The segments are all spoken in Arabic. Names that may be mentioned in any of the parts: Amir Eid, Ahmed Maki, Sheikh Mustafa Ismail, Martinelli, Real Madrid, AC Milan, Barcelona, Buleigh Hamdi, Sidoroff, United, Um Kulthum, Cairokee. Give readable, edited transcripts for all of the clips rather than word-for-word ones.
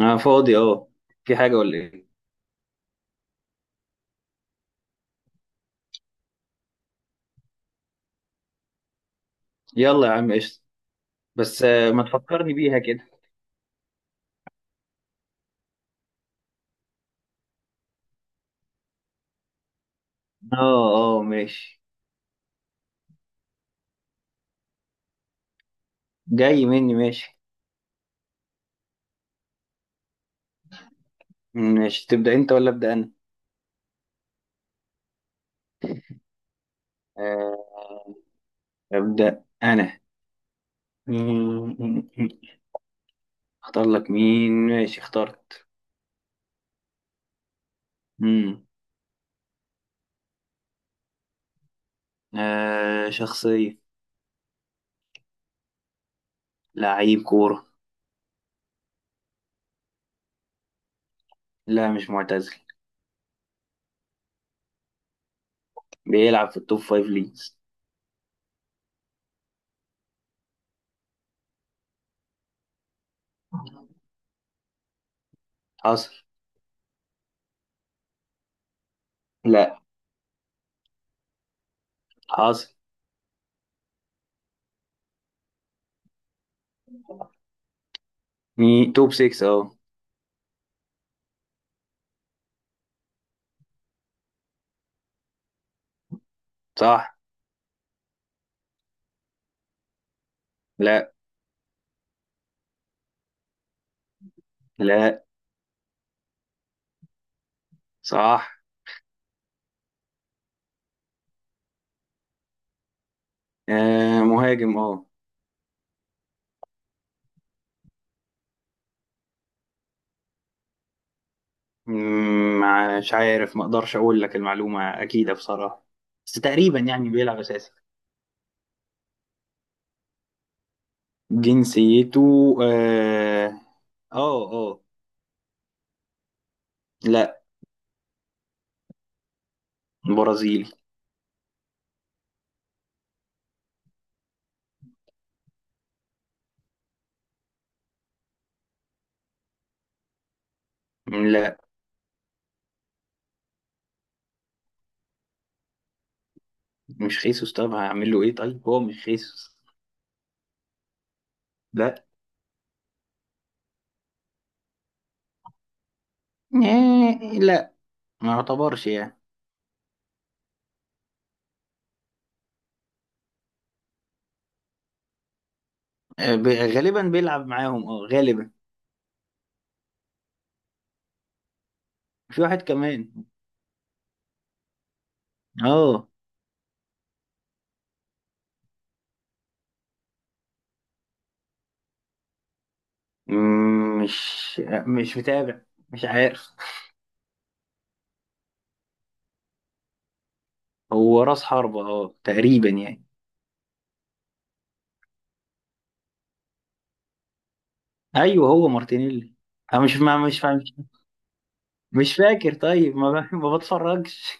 انا فاضي، اه. في حاجة ولا ايه؟ يلا يا عم قشطة. بس ما تفكرني بيها كده. اه اه، ماشي. جاي مني، ماشي. ماشي، تبدأ انت ولا أبدأ انا؟ آه، أبدأ انا. مم. اختار لك مين؟ ماشي، اخترت. مم. آه، شخصية. لعيب كورة. لا، مش معتزل. بيلعب في التوب فايف ليجز. حصل. لا. حصل. توب 6، اه. صح. لا. لا. صح. آه، مهاجم، اه. مم، مش عارف، ما اقدرش اقول لك المعلومة اكيدة بصراحة. بس تقريبا يعني بيلعب اساسي. جنسيته، اه. اه، آه. لا. برازيلي. لا. مش خيسوس، طب هعمل له ايه طيب هو مش خيسوس. لا. آه، لا. ما يعتبرش يعني. غالبا بيلعب معاهم، اه، غالبا. في واحد كمان. اه. مم، مش مش متابع. مش عارف. هو راس حربة، اه، تقريبا يعني. ايوه، هو مارتينيلي. انا مش ما مش فا- مش مش فاكر. طيب ما ب- ما بتفرجش.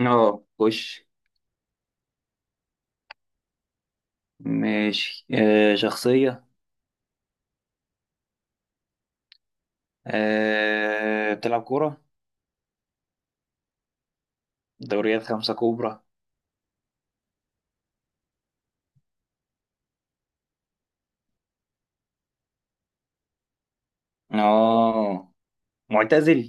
اه، خش. ماشي، آه، شخصية. آه، بتلعب كورة. دوريات خمسة كبرى. اه. معتزل.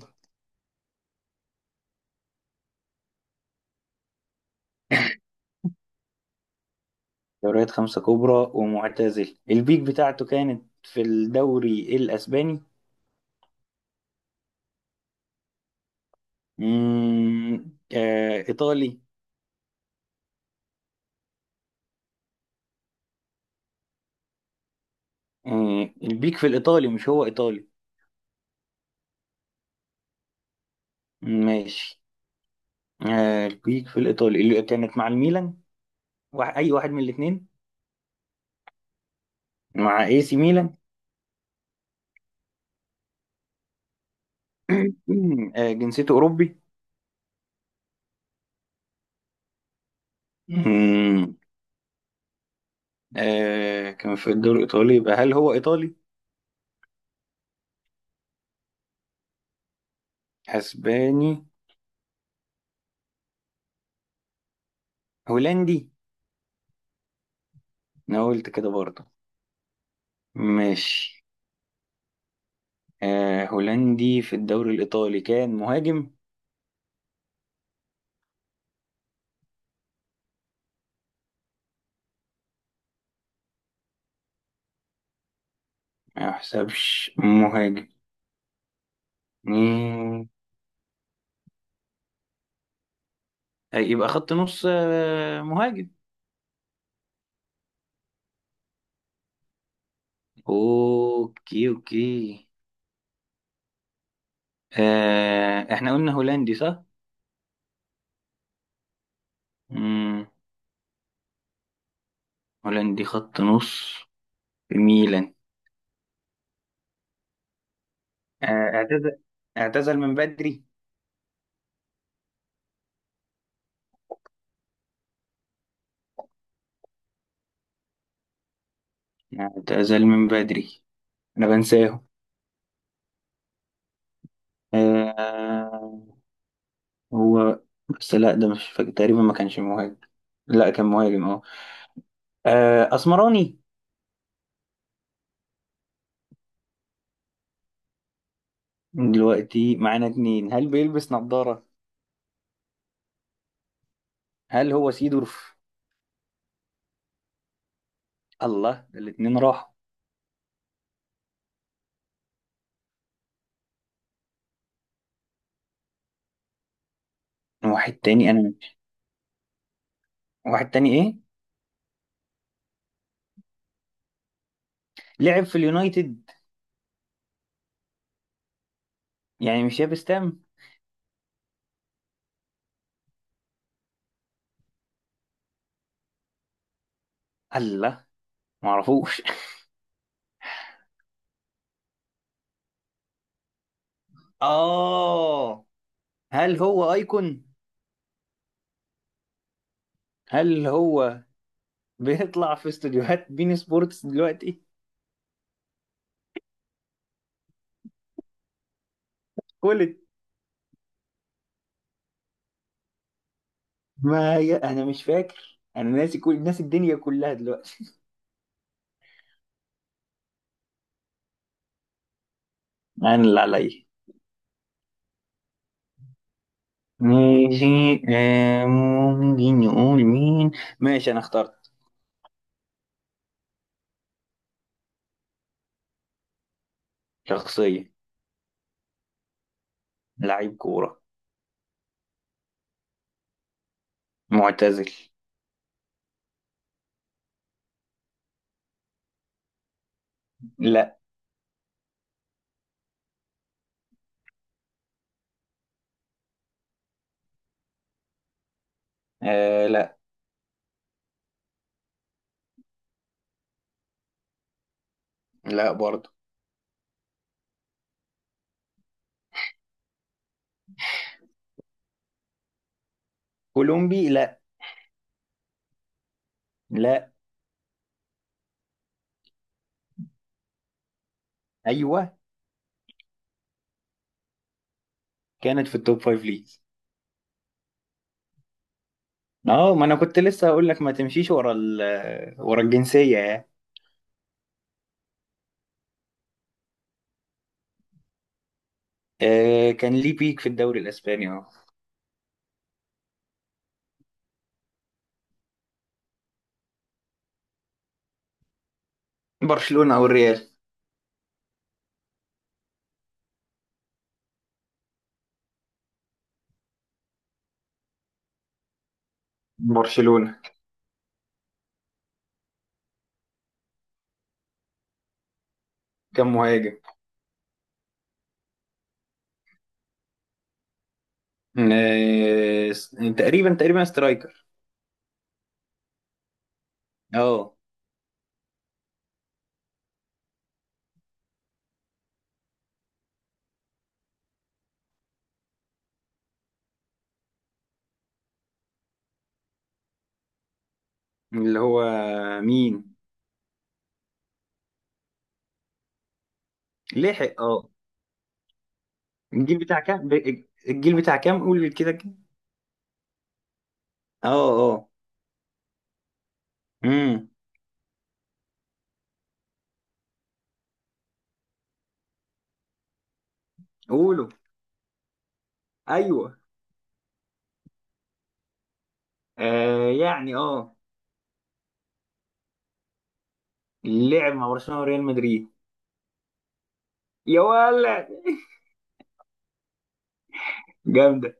دوريات خمسة كبرى ومعتزل. البيك بتاعته كانت في الدوري الأسباني. آه، إيطالي. آه، البيك في الإيطالي، مش هو إيطالي. ماشي. آه، البيك في الإيطالي اللي كانت مع الميلان. واحد، اي واحد من الاثنين. مع اي سي ميلان. جنسيته اوروبي. مم. كان في الدوري الايطالي، يبقى هل هو ايطالي؟ اسباني؟ هولندي. انا قلت كده برضه. ماشي. هولندي في الدوري الايطالي، كان مهاجم. ما يحسبش مهاجم. مم. يبقى خط نص، مهاجم. اوكي، اوكي. احنا قلنا هولندي، صح. مم. هولندي خط نص. في ميلان. آه، اعتزل. اعتزل من بدري. اعتزل من بدري. انا بنساه. آه، هو. بس لا، ده مش فاكر تقريبا ما كانش مهاجم. لا، كان مهاجم، اه. اسمراني. دلوقتي معانا اتنين. هل بيلبس نظارة؟ هل هو سيدورف؟ الله، ده الاتنين راحوا. واحد تاني انا. واحد تاني ايه. لعب في اليونايتد. يعني مش يابس تام. الله، معرفوش اه. هل هو ايكون؟ هل هو بيطلع في استوديوهات بين سبورتس دلوقتي؟ كل. ما هي انا مش فاكر، انا ناسي، كل ناسي الدنيا كلها دلوقتي. انا اللي عليا. ماشي. ممكن نقول مين. ماشي، انا اخترت. شخصية. لعيب كورة. معتزل. لا. آه، لا. لا برضه. كولومبي. لا. لا. ايوه. كانت في التوب فايف ليجز. اه، ما انا كنت لسه هقول لك ما تمشيش ورا الجنسية يعني. آه، كان ليه بيك في الدوري الاسباني. برشلونة او الريال. برشلونة. كم مهاجم. آه، س- تقريبا تقريبا سترايكر. اه. اللي هو مين. لحق، اه. الجيل بتاع كام، قول كده كده. اه اه. امم قولوا. ايوه. آه، يعني، اه. لعب مع برشلونة وريال مدريد. يا ولد. جامدة.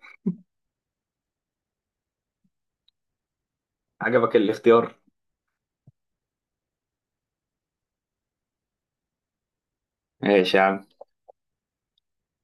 عجبك الاختيار. ماشي يا عم.